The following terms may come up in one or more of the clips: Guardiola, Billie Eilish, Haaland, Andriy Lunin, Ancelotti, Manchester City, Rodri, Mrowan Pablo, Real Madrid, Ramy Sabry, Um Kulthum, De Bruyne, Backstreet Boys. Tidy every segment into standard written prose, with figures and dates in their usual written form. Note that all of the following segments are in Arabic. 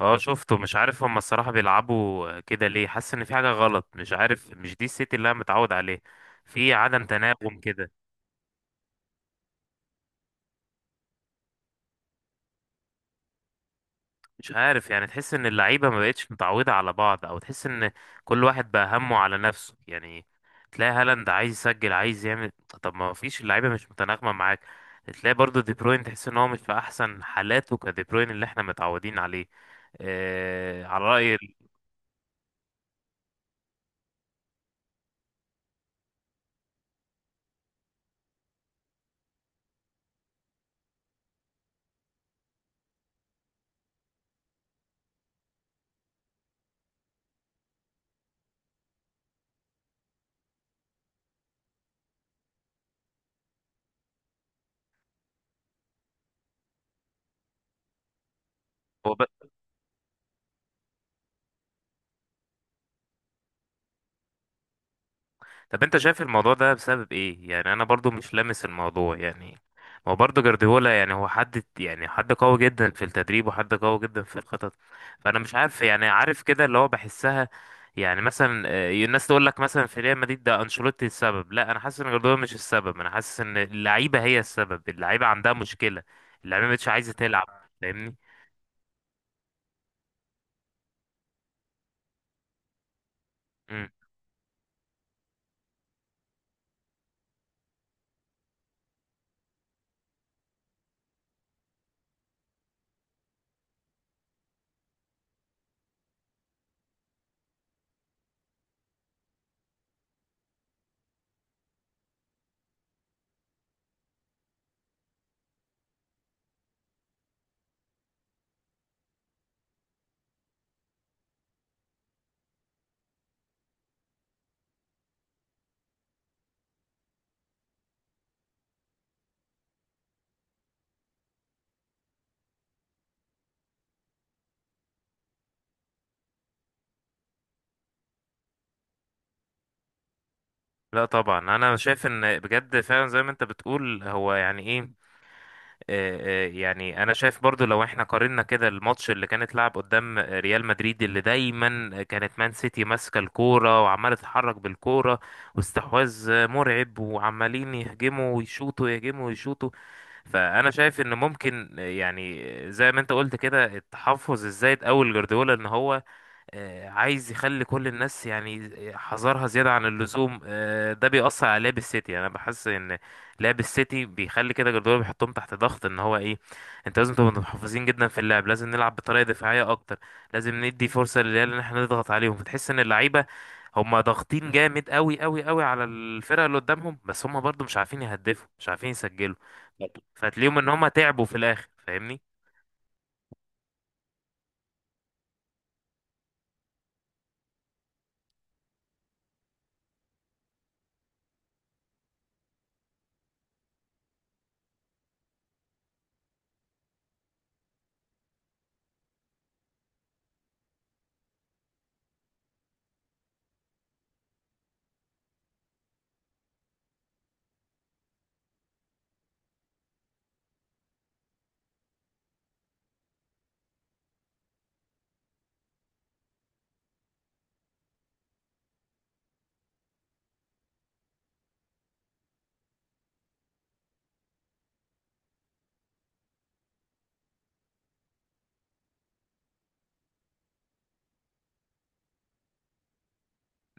اه شفته، مش عارف هما الصراحة بيلعبوا كده ليه. حاسس ان في حاجة غلط، مش عارف، مش دي السيتي اللي انا متعود عليه. في عدم تناغم كده. مش عارف يعني، تحس ان اللعيبة ما بقتش متعودة على بعض، او تحس ان كل واحد بقى همه على نفسه يعني. تلاقي هالاند عايز يسجل، عايز يعمل. طب ما فيش، اللعيبة مش متناغمة معاك. تلاقي برضو دي بروين، تحس ان هو مش في احسن حالاته، كدي بروين اللي احنا متعودين عليه. على رأي. طب انت شايف الموضوع ده بسبب ايه يعني؟ انا برضو مش لامس الموضوع يعني. هو برضو جارديولا يعني، هو حد يعني، حد قوي جدا في التدريب وحد قوي جدا في الخطط. فانا مش عارف يعني، عارف كده اللي هو بحسها. يعني مثلا الناس تقول لك مثلا في ريال مدريد ده انشيلوتي السبب. لا، انا حاسس ان جارديولا مش السبب، انا حاسس ان اللعيبه هي السبب. اللعيبه عندها مشكله، اللعيبه مش عايزه تلعب. فاهمني. مم. لا طبعا، انا شايف ان بجد فعلا زي ما انت بتقول هو يعني ايه، يعني انا شايف برضو لو احنا قارنا كده الماتش اللي كانت لعب قدام ريال مدريد، اللي دايما كانت مان سيتي ماسكه الكوره وعماله تتحرك بالكوره، واستحواذ مرعب، وعمالين يهجموا ويشوطوا، يهجموا ويشوطوا. فانا شايف ان ممكن، يعني زي ما انت قلت كده، التحفظ الزايد اول جوارديولا ان هو عايز يخلي كل الناس يعني حذرها زيادة عن اللزوم. ده بيأثر على لعب السيتي يعني. أنا بحس إن لعب السيتي بيخلي كده، جوارديولا بيحطهم تحت ضغط إن هو إيه، أنت لازم تبقى محافظين جدا في اللعب، لازم نلعب بطريقة دفاعية أكتر، لازم ندي فرصة للعيال إن إحنا نضغط عليهم. فتحس إن اللعيبة هما ضاغطين جامد، قوي قوي قوي على الفرقة اللي قدامهم، بس هما برضو مش عارفين يهدفوا، مش عارفين يسجلوا. فتلاقيهم إن هما تعبوا في الآخر. فاهمني.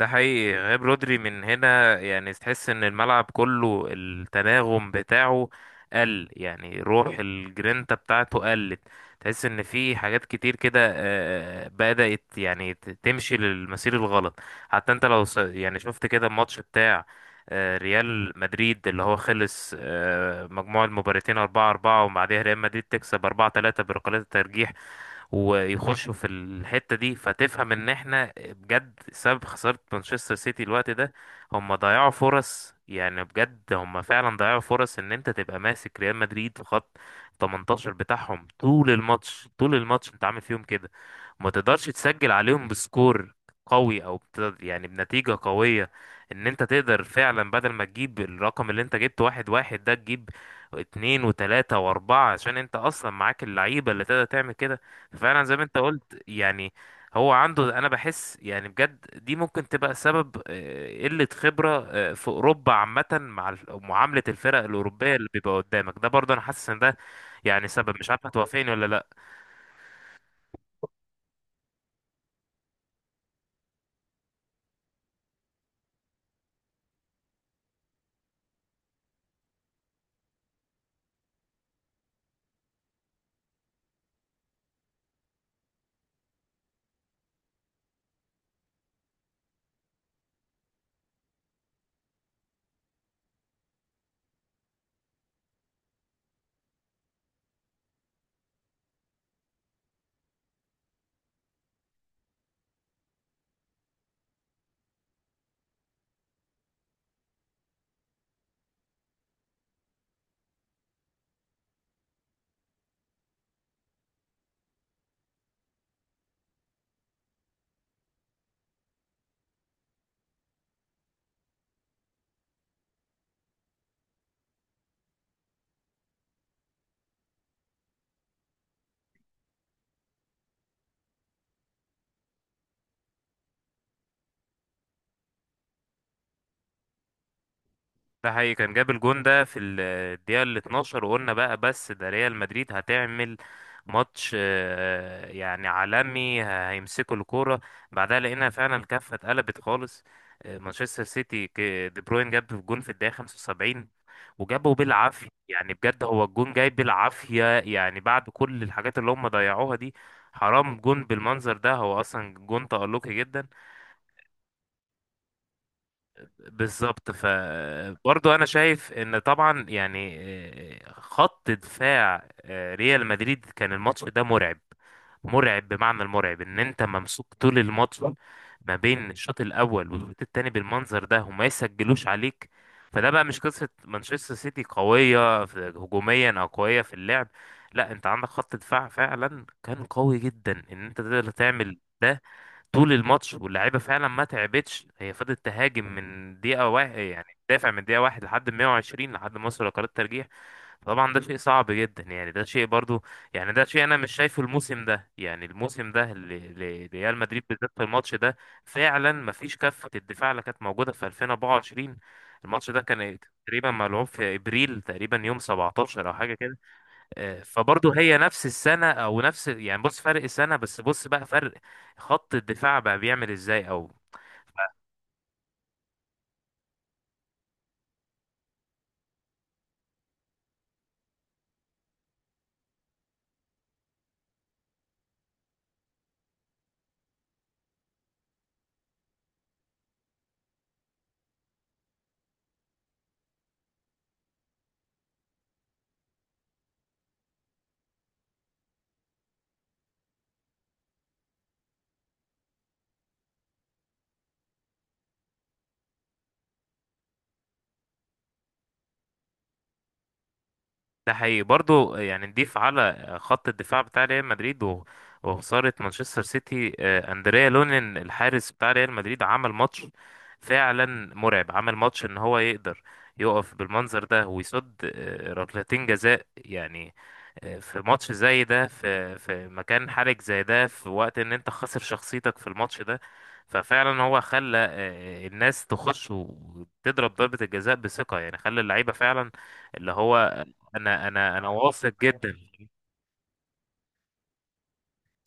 ده حقيقي، غياب رودري من هنا يعني، تحس ان الملعب كله التناغم بتاعه قل، يعني روح الجرينتا بتاعته قلت. تحس ان في حاجات كتير كده بدأت يعني تمشي للمسير الغلط. حتى انت لو يعني شفت كده الماتش بتاع ريال مدريد، اللي هو خلص مجموع المباراتين 4 4، وبعدها ريال مدريد تكسب 4 3 بركلات الترجيح، ويخشوا في الحتة دي. فتفهم ان احنا بجد سبب خسارة مانشستر سيتي الوقت ده، هم ضيعوا فرص يعني، بجد هم فعلا ضيعوا فرص. ان انت تبقى ماسك ريال مدريد في خط 18 بتاعهم طول الماتش، طول الماتش انت عامل فيهم كده، ما تقدرش تسجل عليهم بسكور قوي او يعني بنتيجة قوية، ان انت تقدر فعلا بدل ما تجيب الرقم اللي انت جبته واحد واحد ده، تجيب اتنين وتلاتة واربعة، عشان انت اصلا معاك اللعيبة اللي تقدر تعمل كده. فعلا زي ما انت قلت يعني. هو عنده، انا بحس يعني بجد، دي ممكن تبقى سبب، قلة خبرة في اوروبا عامة مع معاملة الفرق الاوروبية اللي بيبقى قدامك ده. برضه انا حاسس ان ده يعني سبب، مش عارف هتوافقني ولا لا. ده حقيقي، كان جاب الجون ده في الدقيقة ال 12، وقلنا بقى بس ده ريال مدريد هتعمل ماتش يعني عالمي، هيمسكوا الكورة. بعدها لقينا فعلا الكفة اتقلبت خالص. مانشستر سيتي، دي بروين جاب الجون في الدقيقة 75، وجابه بالعافية يعني، بجد هو الجون جاي بالعافية يعني، بعد كل الحاجات اللي هم ضيعوها دي. حرام جون بالمنظر ده، هو أصلا جون تألقي جدا. بالظبط. فبرضه انا شايف ان طبعا يعني خط دفاع ريال مدريد كان الماتش ده مرعب. مرعب بمعنى المرعب، ان انت ممسوك طول الماتش ما بين الشوط الاول والشوط التاني بالمنظر ده وما يسجلوش عليك. فده بقى مش قصة مانشستر سيتي قوية هجوميا او قوية في اللعب، لا، انت عندك خط دفاع فعلا كان قوي جدا ان انت تقدر تعمل ده طول الماتش. واللعيبه فعلا ما تعبتش، هي فضلت تهاجم من دقيقه واحد، يعني تدافع من دقيقه واحد لحد 120، لحد ما وصلوا لقرار الترجيح. طبعا ده شيء صعب جدا يعني، ده شيء برضو، يعني ده شيء انا مش شايفه الموسم ده، يعني الموسم ده لريال مدريد بالذات في الماتش ده، فعلا ما فيش كفه الدفاع اللي كانت موجوده في 2024. الماتش ده كان تقريبا ملعوب في ابريل، تقريبا يوم 17 او حاجه كده. فبرضه هي نفس السنة، أو نفس يعني، بص فرق السنة، بس بص بقى فرق خط الدفاع بقى بيعمل إزاي أو. ده حقيقي برضو، يعني نضيف على خط الدفاع بتاع ريال مدريد وخسارة مانشستر سيتي، أندريا لونين الحارس بتاع ريال مدريد عمل ماتش فعلا مرعب، عمل ماتش ان هو يقدر يقف بالمنظر ده ويصد ركلتين جزاء يعني في ماتش زي ده، في في مكان حرج زي ده، في وقت ان انت خسر شخصيتك في الماتش ده. ففعلا هو خلى الناس تخش وتضرب ضربة الجزاء بثقة يعني، خلى اللعيبة فعلا اللي هو انا واثق جدا،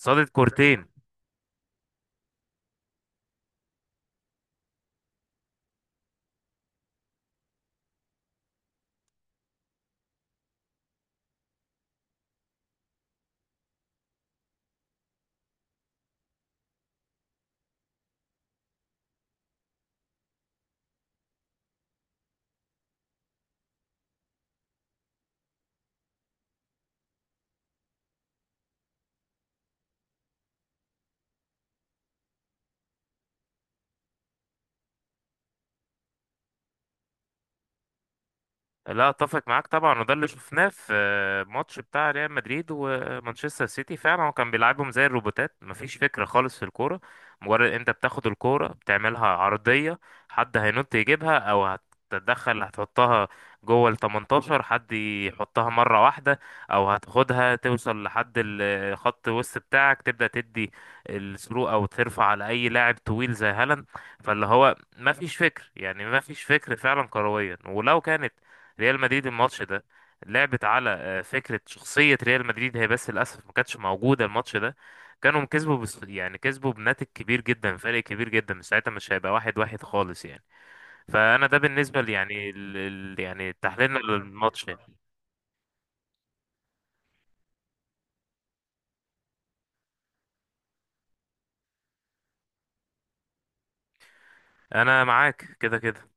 صادت كورتين. لا اتفق معاك طبعا، وده اللي شفناه في ماتش بتاع ريال مدريد ومانشستر سيتي. فعلا هو كان بيلعبهم زي الروبوتات، مفيش فكرة خالص في الكورة. مجرد انت بتاخد الكورة بتعملها عرضية، حد هينط يجيبها، او هتتدخل هتحطها جوه ال 18، حد يحطها مرة واحدة. او هتاخدها توصل لحد خط الوسط بتاعك، تبدأ تدي الثرو، او ترفع على اي لاعب طويل زي هالاند. فاللي هو ما فيش فكر يعني، ما فيش فكر فعلا كرويا. ولو كانت ريال مدريد الماتش ده لعبت على فكرة شخصية ريال مدريد هي، بس للأسف ما كانتش موجودة الماتش ده، كانوا كسبوا، بس يعني كسبوا بناتج كبير جدا، فرق كبير جدا، من ساعتها مش هيبقى واحد واحد خالص يعني. فأنا ده بالنسبة يعني يعني تحليلنا للماتش يعني. أنا معاك كده كده.